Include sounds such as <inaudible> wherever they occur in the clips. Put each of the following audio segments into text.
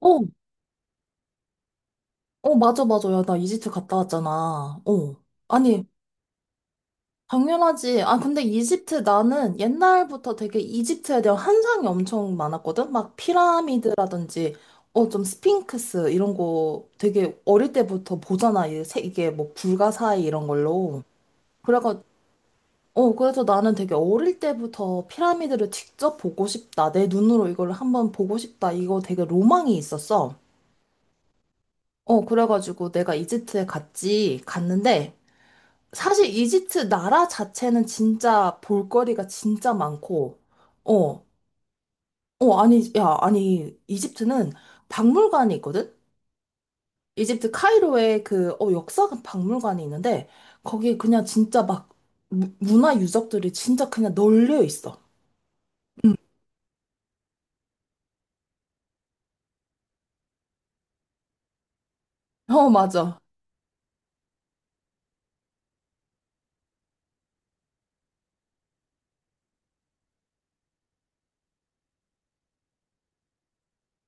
어, 맞아, 맞아. 야, 나 이집트 갔다 왔잖아. 어. 아니, 당연하지. 아, 근데 이집트 나는 옛날부터 되게 이집트에 대한 환상이 엄청 많았거든? 막 피라미드라든지, 좀 스핑크스 이런 거 되게 어릴 때부터 보잖아. 이게 뭐 불가사의 이런 걸로. 그래가, 그래서 나는 되게 어릴 때부터 피라미드를 직접 보고 싶다. 내 눈으로 이걸 한번 보고 싶다. 이거 되게 로망이 있었어. 그래가지고 내가 이집트에 갔지, 갔는데, 사실 이집트 나라 자체는 진짜 볼거리가 진짜 많고, 어, 아니, 야, 아니, 이집트는 박물관이 있거든? 이집트 카이로에 그, 역사 박물관이 있는데, 거기 그냥 진짜 막 문화 유적들이 진짜 그냥 널려 있어. 어, 맞아.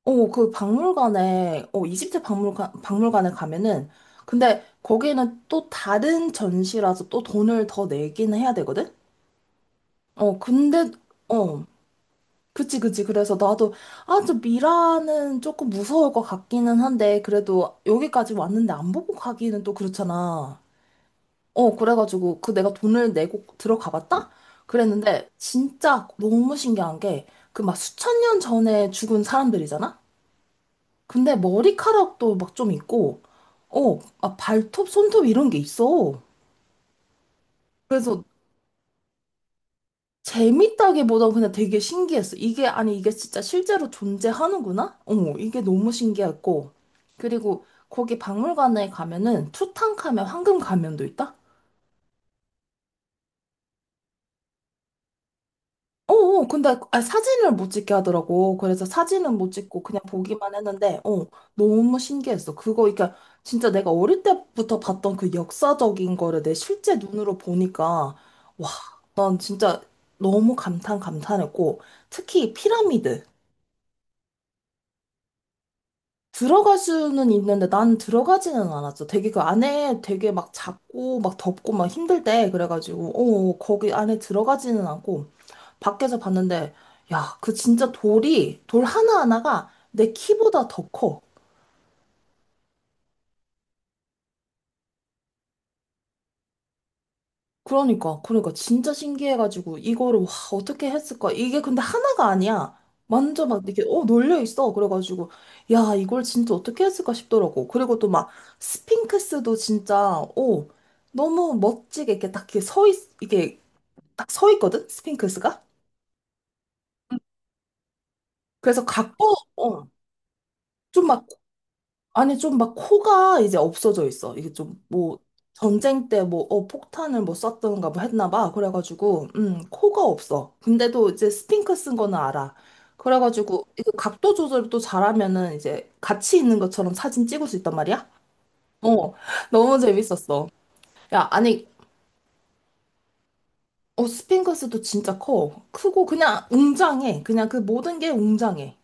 그 박물관에, 이집트 박물관에 가면은, 근데 거기는 또 다른 전시라서 또 돈을 더 내기는 해야 되거든? 근데, 어. 그치, 그치. 그래서 나도, 아, 저 미라는 조금 무서울 것 같기는 한데, 그래도 여기까지 왔는데 안 보고 가기는 또 그렇잖아. 그래가지고, 그 내가 돈을 내고 들어가 봤다? 그랬는데, 진짜 너무 신기한 게, 그 막 수천 년 전에 죽은 사람들이잖아? 근데 머리카락도 막 좀 있고, 막 발톱, 손톱 이런 게 있어. 그래서 재밌다기보다 그냥 되게 신기했어. 이게, 아니, 이게 진짜 실제로 존재하는구나? 이게 너무 신기했고. 그리고 거기 박물관에 가면은 투탕카멘 황금 가면도 있다? 근데 아, 사진을 못 찍게 하더라고. 그래서 사진은 못 찍고 그냥 보기만 했는데, 너무 신기했어. 그거, 그러니까 진짜 내가 어릴 때부터 봤던 그 역사적인 거를 내 실제 눈으로 보니까, 와, 난 진짜 너무 감탄했고, 특히 피라미드. 들어갈 수는 있는데 난 들어가지는 않았어. 되게 그 안에 되게 막 작고 막 덥고 막 힘들 때 그래가지고 거기 안에 들어가지는 않고 밖에서 봤는데 야 그 진짜 돌이 돌 하나하나가 내 키보다 더 커. 그러니까 진짜 신기해가지고 이거를 와 어떻게 했을까? 이게 근데 하나가 아니야. 완전 막 이렇게 놀려 있어. 그래가지고 야 이걸 진짜 어떻게 했을까 싶더라고. 그리고 또 막 스핑크스도 진짜 너무 멋지게 이렇게 딱 이렇게 이게 딱 서 있거든 스핑크스가. 그래서 각도 어좀 막 아니, 좀 막 코가 이제 없어져 있어. 이게 좀 뭐, 전쟁 때 뭐, 폭탄을 뭐 썼던가 뭐 했나 봐. 그래가지고, 코가 없어. 근데도 이제 스핑크 쓴 거는 알아. 그래가지고, 이거 각도 조절을 또 잘하면은 이제 같이 있는 것처럼 사진 찍을 수 있단 말이야? 어, 너무 재밌었어. 야, 아니, 스핑크스도 진짜 커. 크고 그냥 웅장해. 그냥 그 모든 게 웅장해.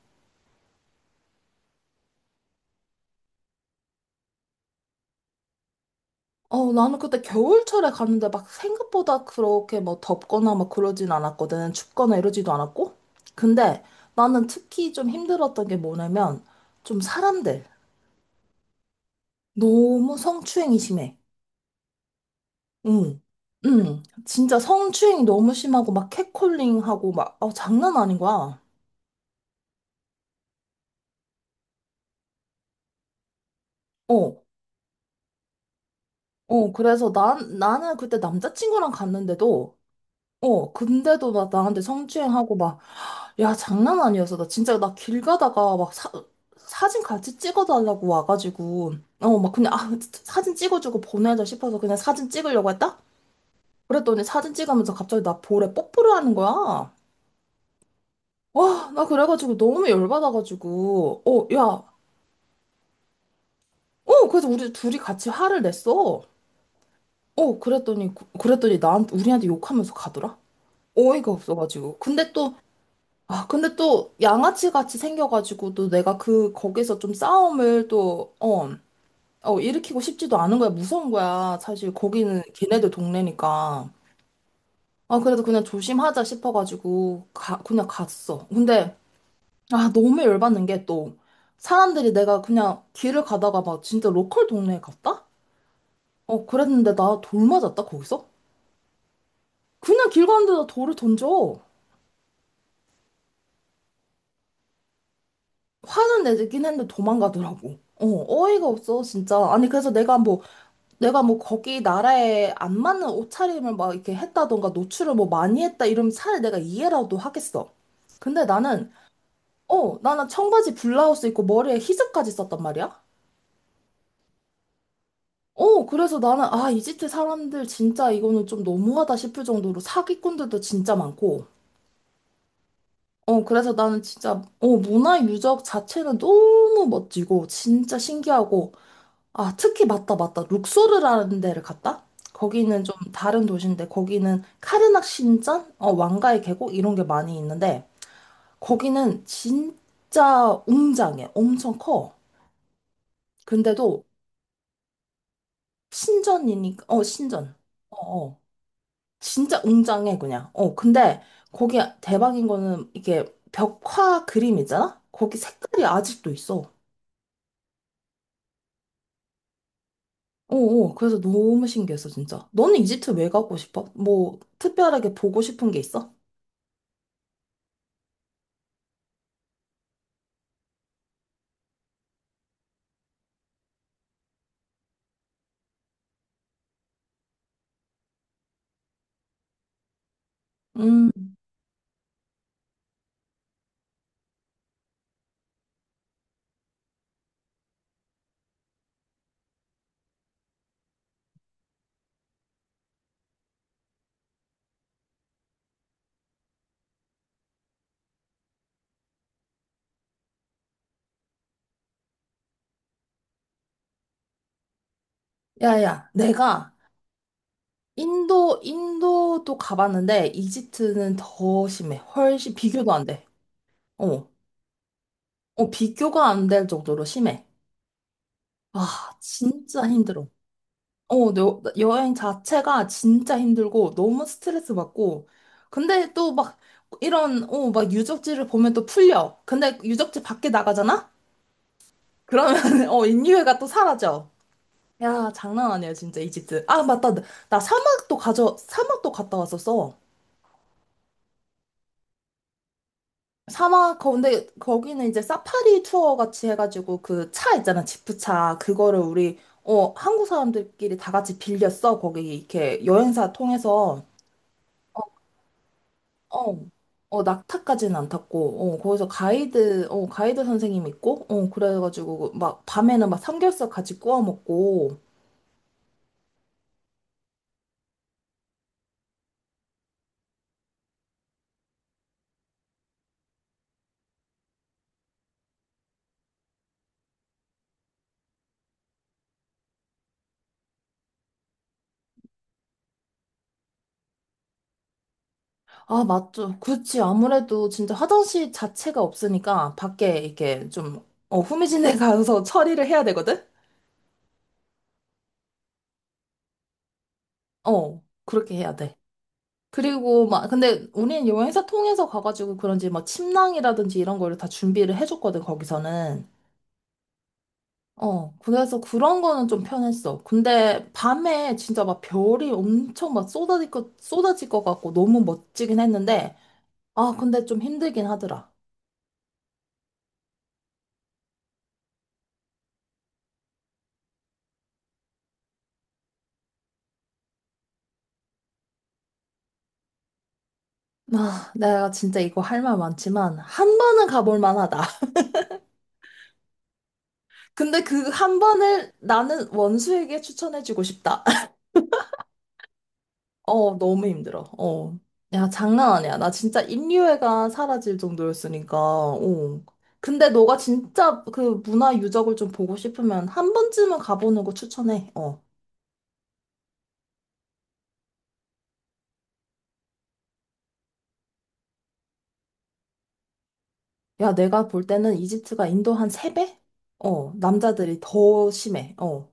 나는 그때 겨울철에 갔는데 막 생각보다 그렇게 뭐 덥거나 막 그러진 않았거든. 춥거나 이러지도 않았고. 근데 나는 특히 좀 힘들었던 게 뭐냐면 좀 사람들. 너무 성추행이 심해. 응. 응. 진짜 성추행이 너무 심하고 막 캣콜링하고 막, 장난 아닌 거야. 어. 그래서 나는 그때 남자친구랑 갔는데도, 근데도 막 나한테 성추행하고 막 야, 장난 아니었어. 나 진짜 나 길 가다가 막 사진 같이 찍어달라고 와가지고 막 그냥 아 사진 찍어주고 보내자 싶어서 그냥 사진 찍으려고 했다? 그랬더니 사진 찍으면서 갑자기 나 볼에 뽀뽀를 하는 거야. 와, 나 그래가지고 너무 열받아가지고 야, 그래서 우리 둘이 같이 화를 냈어. 그랬더니 나한테 우리한테 욕하면서 가더라. 어이가 없어가지고. 근데 또 양아치 같이 생겨가지고 또 내가 그 거기서 좀 싸움을 또어 일으키고 싶지도 않은 거야. 무서운 거야. 사실 거기는 걔네들 동네니까. 아, 그래도 그냥 조심하자 싶어가지고, 그냥 갔어. 근데, 아, 너무 열받는 게 또, 사람들이 내가 그냥 길을 가다가 막 진짜 로컬 동네에 갔다? 그랬는데 나 돌 맞았다, 거기서? 그냥 길 가는데 나 돌을 던져. 화는 내긴 했는데 도망가더라고. 어이가 없어, 진짜. 아니, 그래서 내가 뭐 거기 나라에 안 맞는 옷차림을 막 이렇게 했다던가 노출을 뭐 많이 했다 이러면 차라리 내가 이해라도 하겠어. 근데 나는 청바지 블라우스 입고 머리에 히즈까지 썼단 말이야? 그래서 나는, 아, 이집트 사람들 진짜 이거는 좀 너무하다 싶을 정도로 사기꾼들도 진짜 많고, 그래서 나는 진짜, 문화 유적 자체는 너무 멋지고, 진짜 신기하고, 아, 특히 맞다, 맞다. 룩소르라는 데를 갔다? 거기는 좀 다른 도시인데, 거기는 카르낙 신전? 왕가의 계곡? 이런 게 많이 있는데, 거기는 진짜 웅장해. 엄청 커. 근데도 신전이니까, 신전. 어, 어. 진짜 웅장해, 그냥. 근데 거기 대박인 거는 이게 벽화 그림 있잖아? 거기 색깔이 아직도 있어. 그래서 너무 신기했어, 진짜. 너는 이집트 왜 가고 싶어? 뭐, 특별하게 보고 싶은 게 있어? 음, 야야, 내가 인도도 가봤는데, 이집트는 더 심해. 훨씬, 비교도 안 돼. 어, 비교가 안 될 정도로 심해. 아, 진짜 힘들어. 여행 자체가 진짜 힘들고, 너무 스트레스 받고, 근데 또 막, 이런, 막 유적지를 보면 또 풀려. 근데 유적지 밖에 나가잖아? 그러면, <laughs> 인류애가 또 사라져. 야, 장난 아니야, 진짜, 이집트. 아, 맞다. 나 사막도 갔다 왔었어. 사막 근데 거기는 이제 사파리 투어 같이 해가지고 그 차 있잖아. 지프차 그거를 우리 한국 사람들끼리 다 같이 빌렸어. 거기 이렇게 여행사 통해서. 어, 낙타까지는 안 탔고 거기서 가이드 선생님 있고 그래가지고 그 막 밤에는 막 삼겹살 같이 구워 먹고. 아 맞죠. 그렇지. 아무래도 진짜 화장실 자체가 없으니까 밖에 이렇게 좀 후미진에 <laughs> 가서 처리를 해야 되거든. 그렇게 해야 돼. 그리고 막 근데 우리는 여행사 통해서 가가지고 그런지 막 침낭이라든지 이런 거를 다 준비를 해줬거든 거기서는. 그래서 그런 거는 좀 편했어. 근데 밤에 진짜 막 별이 엄청 막 쏟아질 것 같고 너무 멋지긴 했는데. 아, 근데 좀 힘들긴 하더라. 아, 내가 진짜 이거 할 말 많지만 한 번은 가볼 만하다. <laughs> 근데 그 한 번을 나는 원수에게 추천해주고 싶다. 너무 힘들어. 어. 야, 장난 아니야. 나 진짜 인류애가 사라질 정도였으니까. 어. 근데 너가 진짜 그 문화 유적을 좀 보고 싶으면 한 번쯤은 가보는 거 추천해. 어. 야, 내가 볼 때는 이집트가 인도 한 세배 남자들이 더 심해. 어.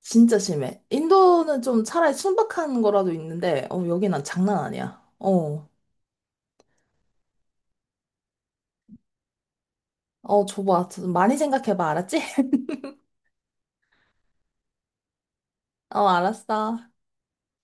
진짜 심해. 인도는 좀 차라리 순박한 거라도 있는데, 여기 난 장난 아니야. 어. 어, 줘봐. 좀 많이 생각해봐. 알았지? <laughs> 어, 알았어.